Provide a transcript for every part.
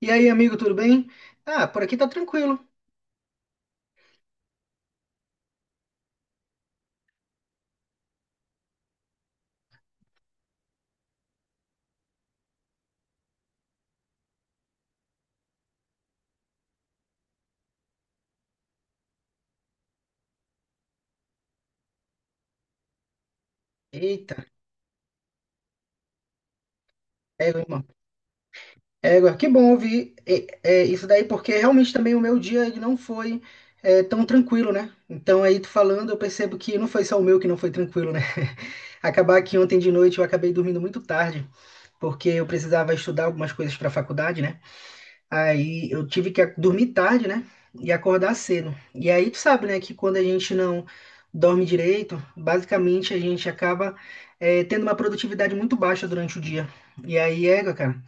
E aí, amigo, tudo bem? Ah, por aqui tá tranquilo. Eita, égua, irmão. Égua, que bom ouvir isso daí, porque realmente também o meu dia ele não foi tão tranquilo, né? Então aí tu falando, eu percebo que não foi só o meu que não foi tranquilo, né? Acabar que ontem de noite eu acabei dormindo muito tarde, porque eu precisava estudar algumas coisas para a faculdade, né? Aí eu tive que dormir tarde, né? E acordar cedo. E aí tu sabe, né, que quando a gente não dorme direito, basicamente a gente acaba tendo uma produtividade muito baixa durante o dia. E aí, égua, cara,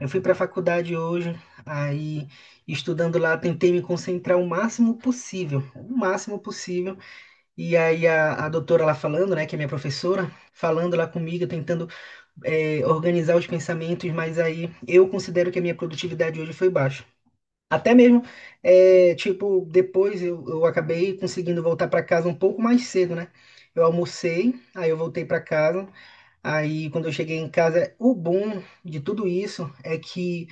eu fui pra faculdade hoje, aí estudando lá, tentei me concentrar o máximo possível, o máximo possível. E aí a doutora lá falando, né, que é minha professora, falando lá comigo, tentando organizar os pensamentos, mas aí eu considero que a minha produtividade hoje foi baixa. Até mesmo, é, tipo, depois eu acabei conseguindo voltar para casa um pouco mais cedo, né? Eu almocei, aí eu voltei para casa. Aí, quando eu cheguei em casa, o bom de tudo isso é que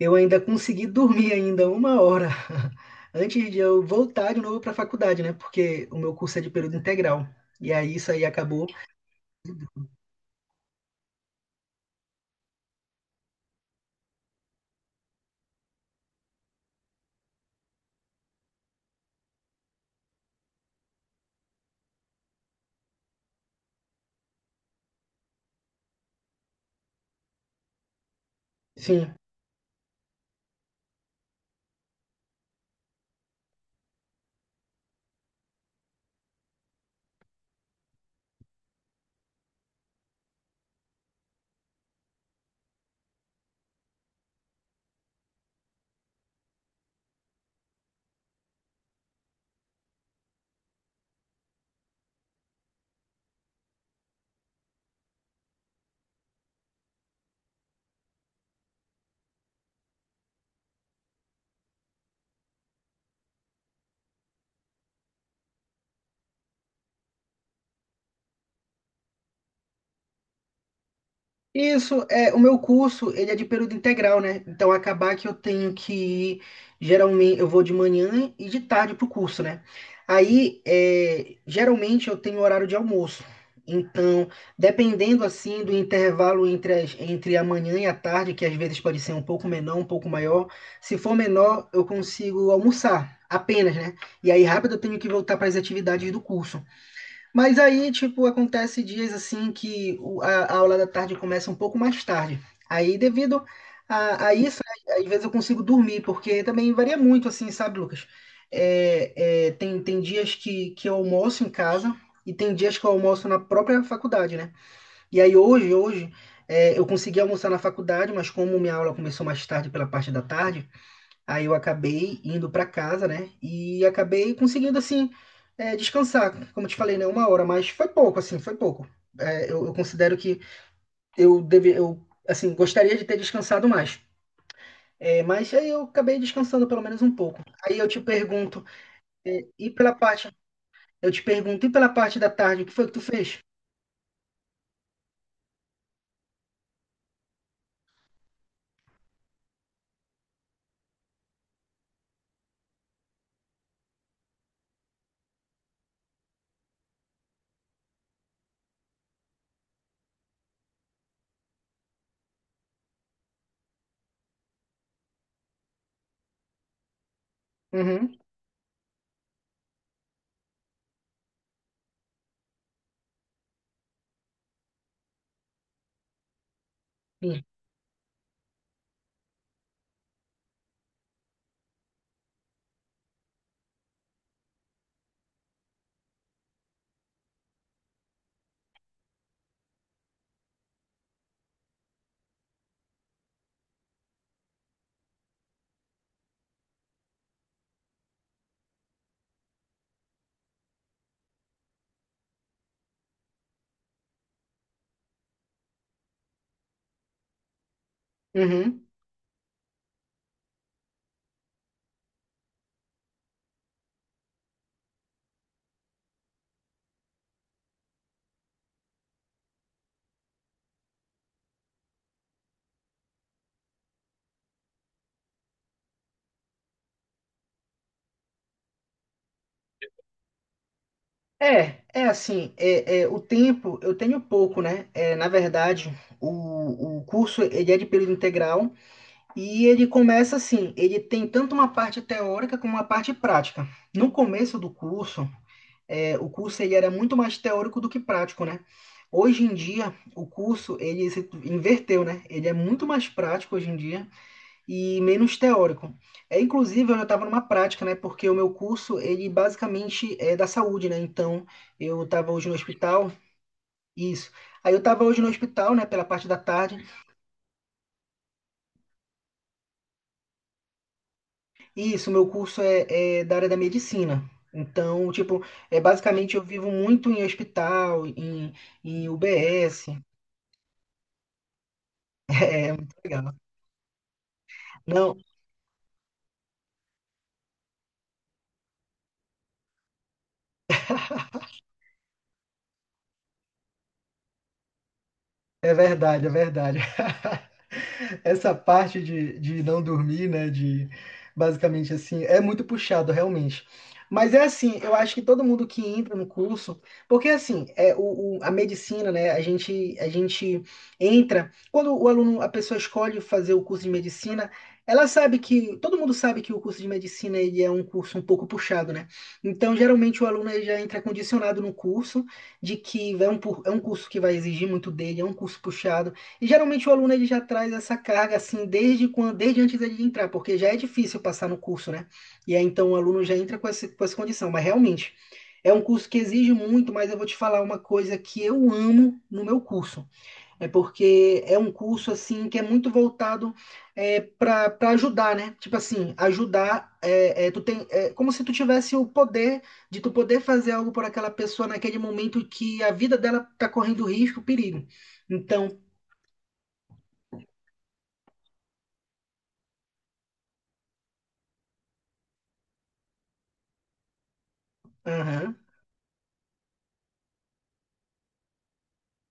eu ainda consegui dormir ainda uma hora antes de eu voltar de novo para a faculdade, né? Porque o meu curso é de período integral. E aí isso aí acabou. Sim. Isso, é, o meu curso, ele é de período integral, né? Então, acabar que eu tenho que ir, geralmente, eu vou de manhã e de tarde pro curso, né? Aí, é, geralmente, eu tenho horário de almoço. Então, dependendo, assim, do intervalo entre, entre a manhã e a tarde, que às vezes pode ser um pouco menor, um pouco maior, se for menor, eu consigo almoçar apenas, né? E aí, rápido, eu tenho que voltar para as atividades do curso. Mas aí, tipo, acontece dias assim que a aula da tarde começa um pouco mais tarde. Aí, devido a isso, né, às vezes eu consigo dormir, porque também varia muito, assim, sabe, Lucas? Tem, tem dias que eu almoço em casa e tem dias que eu almoço na própria faculdade, né? E aí, hoje, é, eu consegui almoçar na faculdade, mas como minha aula começou mais tarde, pela parte da tarde, aí eu acabei indo para casa, né? E acabei conseguindo, assim, é, descansar. Como eu te falei, né? Uma hora, mas foi pouco, assim, foi pouco. Eu considero que eu deve, eu, assim, gostaria de ter descansado mais. É, mas aí eu acabei descansando pelo menos um pouco. Aí eu te pergunto, é, e pela parte, eu te pergunto, e pela parte da tarde, o que foi que tu fez? Uhum. Sim. Uhum. É, é assim, o tempo eu tenho pouco, né? É, na verdade, o curso ele é de período integral, e ele começa assim, ele tem tanto uma parte teórica como uma parte prática. No começo do curso, é, o curso ele era muito mais teórico do que prático, né? Hoje em dia, o curso ele se inverteu, né? Ele é muito mais prático hoje em dia e menos teórico. É, inclusive, eu já estava numa prática, né? Porque o meu curso ele basicamente é da saúde, né? Então, eu estava hoje no hospital, isso. Aí eu estava hoje no hospital, né? Pela parte da tarde. Isso, meu curso é da área da medicina. Então, tipo, é basicamente eu vivo muito em hospital, em, em UBS. É é muito legal. Não, é verdade, é verdade. Essa parte de não dormir, né? De basicamente assim, é muito puxado realmente. Mas é assim, eu acho que todo mundo que entra no curso, porque assim, é a medicina, né? A gente entra, quando o aluno, a pessoa escolhe fazer o curso de medicina, ela sabe que, todo mundo sabe que o curso de medicina ele é um curso um pouco puxado, né? Então, geralmente o aluno ele já entra condicionado no curso de que é é um curso que vai exigir muito dele, é um curso puxado. E geralmente o aluno ele já traz essa carga assim desde quando, desde antes dele entrar, porque já é difícil passar no curso, né? E aí então o aluno já entra com com essa condição. Mas realmente é um curso que exige muito, mas eu vou te falar uma coisa que eu amo no meu curso. É porque é um curso assim que é muito voltado é, para ajudar, né? Tipo assim, ajudar. Tu tem, é como se tu tivesse o poder de tu poder fazer algo por aquela pessoa naquele momento que a vida dela tá correndo risco, perigo. Então, aham,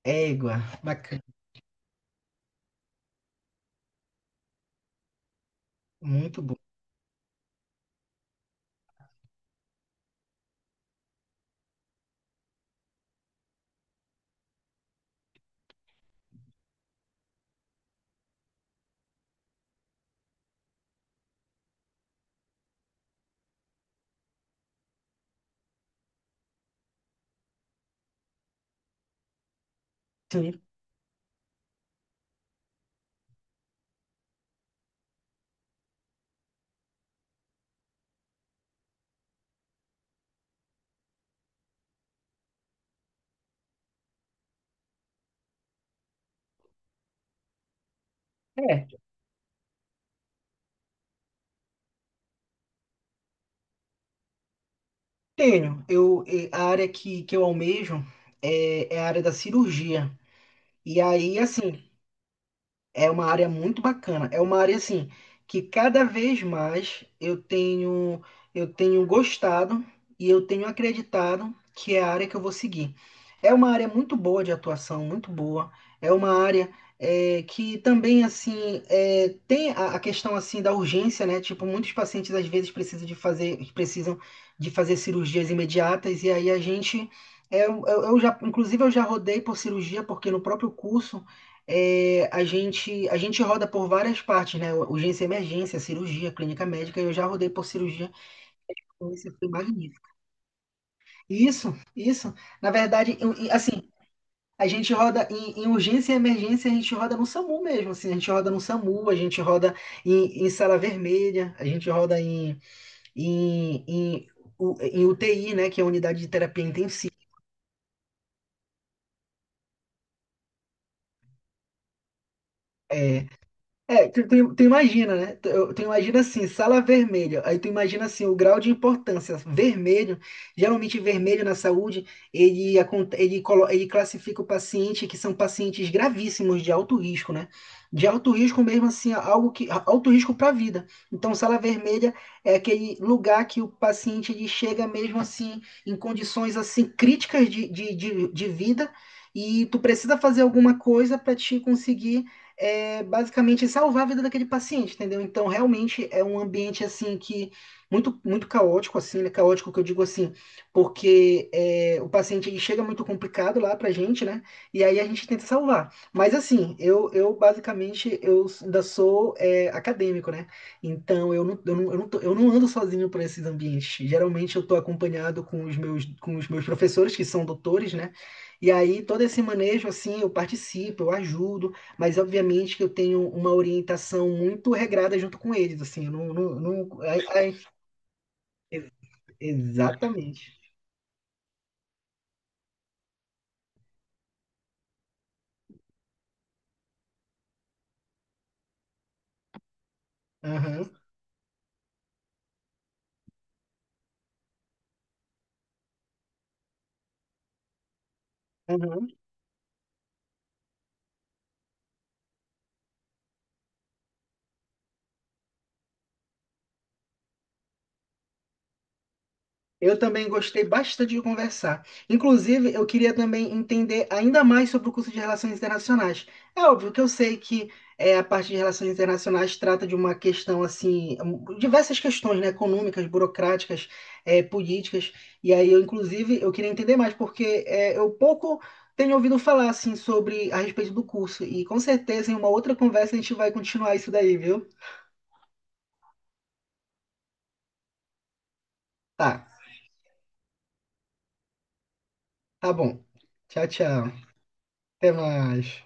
égua, bacana, muito bom. Sim. É, tenho. Eu, eh, a área que eu almejo é a área da cirurgia. E aí, assim, é uma área muito bacana. É uma área assim que cada vez mais eu tenho gostado e eu tenho acreditado que é a área que eu vou seguir. É uma área muito boa de atuação, muito boa. É uma área é, que também assim é, tem a questão assim da urgência, né? Tipo, muitos pacientes às vezes precisam de fazer cirurgias imediatas e aí a gente eu já inclusive eu já rodei por cirurgia porque no próprio curso é, a gente roda por várias partes, né? Urgência e emergência, cirurgia, clínica médica, e eu já rodei por cirurgia, então isso foi magnífico. Isso, isso. Na verdade, e, assim, a gente roda em, em urgência e emergência, a gente roda no SAMU mesmo, assim, a gente roda no SAMU, a gente roda em, em sala vermelha, a gente roda em, em, em UTI, né? Que é a unidade de terapia intensiva. É, É, tu imagina, né? Tu imagina assim, sala vermelha. Aí tu imagina assim, o grau de importância. Vermelho, geralmente vermelho na saúde, ele, acon- ele, colo- ele classifica o paciente que são pacientes gravíssimos de alto risco, né? De alto risco mesmo assim, algo que alto risco para a vida. Então, sala vermelha é aquele lugar que o paciente ele chega mesmo assim em condições assim críticas de vida e tu precisa fazer alguma coisa para te conseguir é basicamente salvar a vida daquele paciente, entendeu? Então, realmente é um ambiente assim que muito muito caótico assim, né? Caótico que eu digo assim, porque é, o paciente ele chega muito complicado lá pra gente, né? E aí a gente tenta salvar. Mas assim, eu basicamente eu ainda sou é, acadêmico, né? Então eu não, eu não ando sozinho para esses ambientes. Geralmente eu tô acompanhado com os meus professores que são doutores, né? E aí todo esse manejo assim, eu participo, eu ajudo. Mas obviamente que eu tenho uma orientação muito regrada junto com eles, assim, eu não, não, não- é- é- ex- exatamente. Aham, aham. Eu também gostei bastante de conversar. Inclusive, eu queria também entender ainda mais sobre o curso de Relações Internacionais. É óbvio que eu sei que é, a parte de Relações Internacionais trata de uma questão assim, um, diversas questões, né, econômicas, burocráticas, é, políticas. E aí, eu, inclusive, eu queria entender mais, porque é, eu pouco tenho ouvido falar assim sobre a respeito do curso. E com certeza, em uma outra conversa, a gente vai continuar isso daí, viu? Tá, tá bom. Tchau, tchau. Até mais.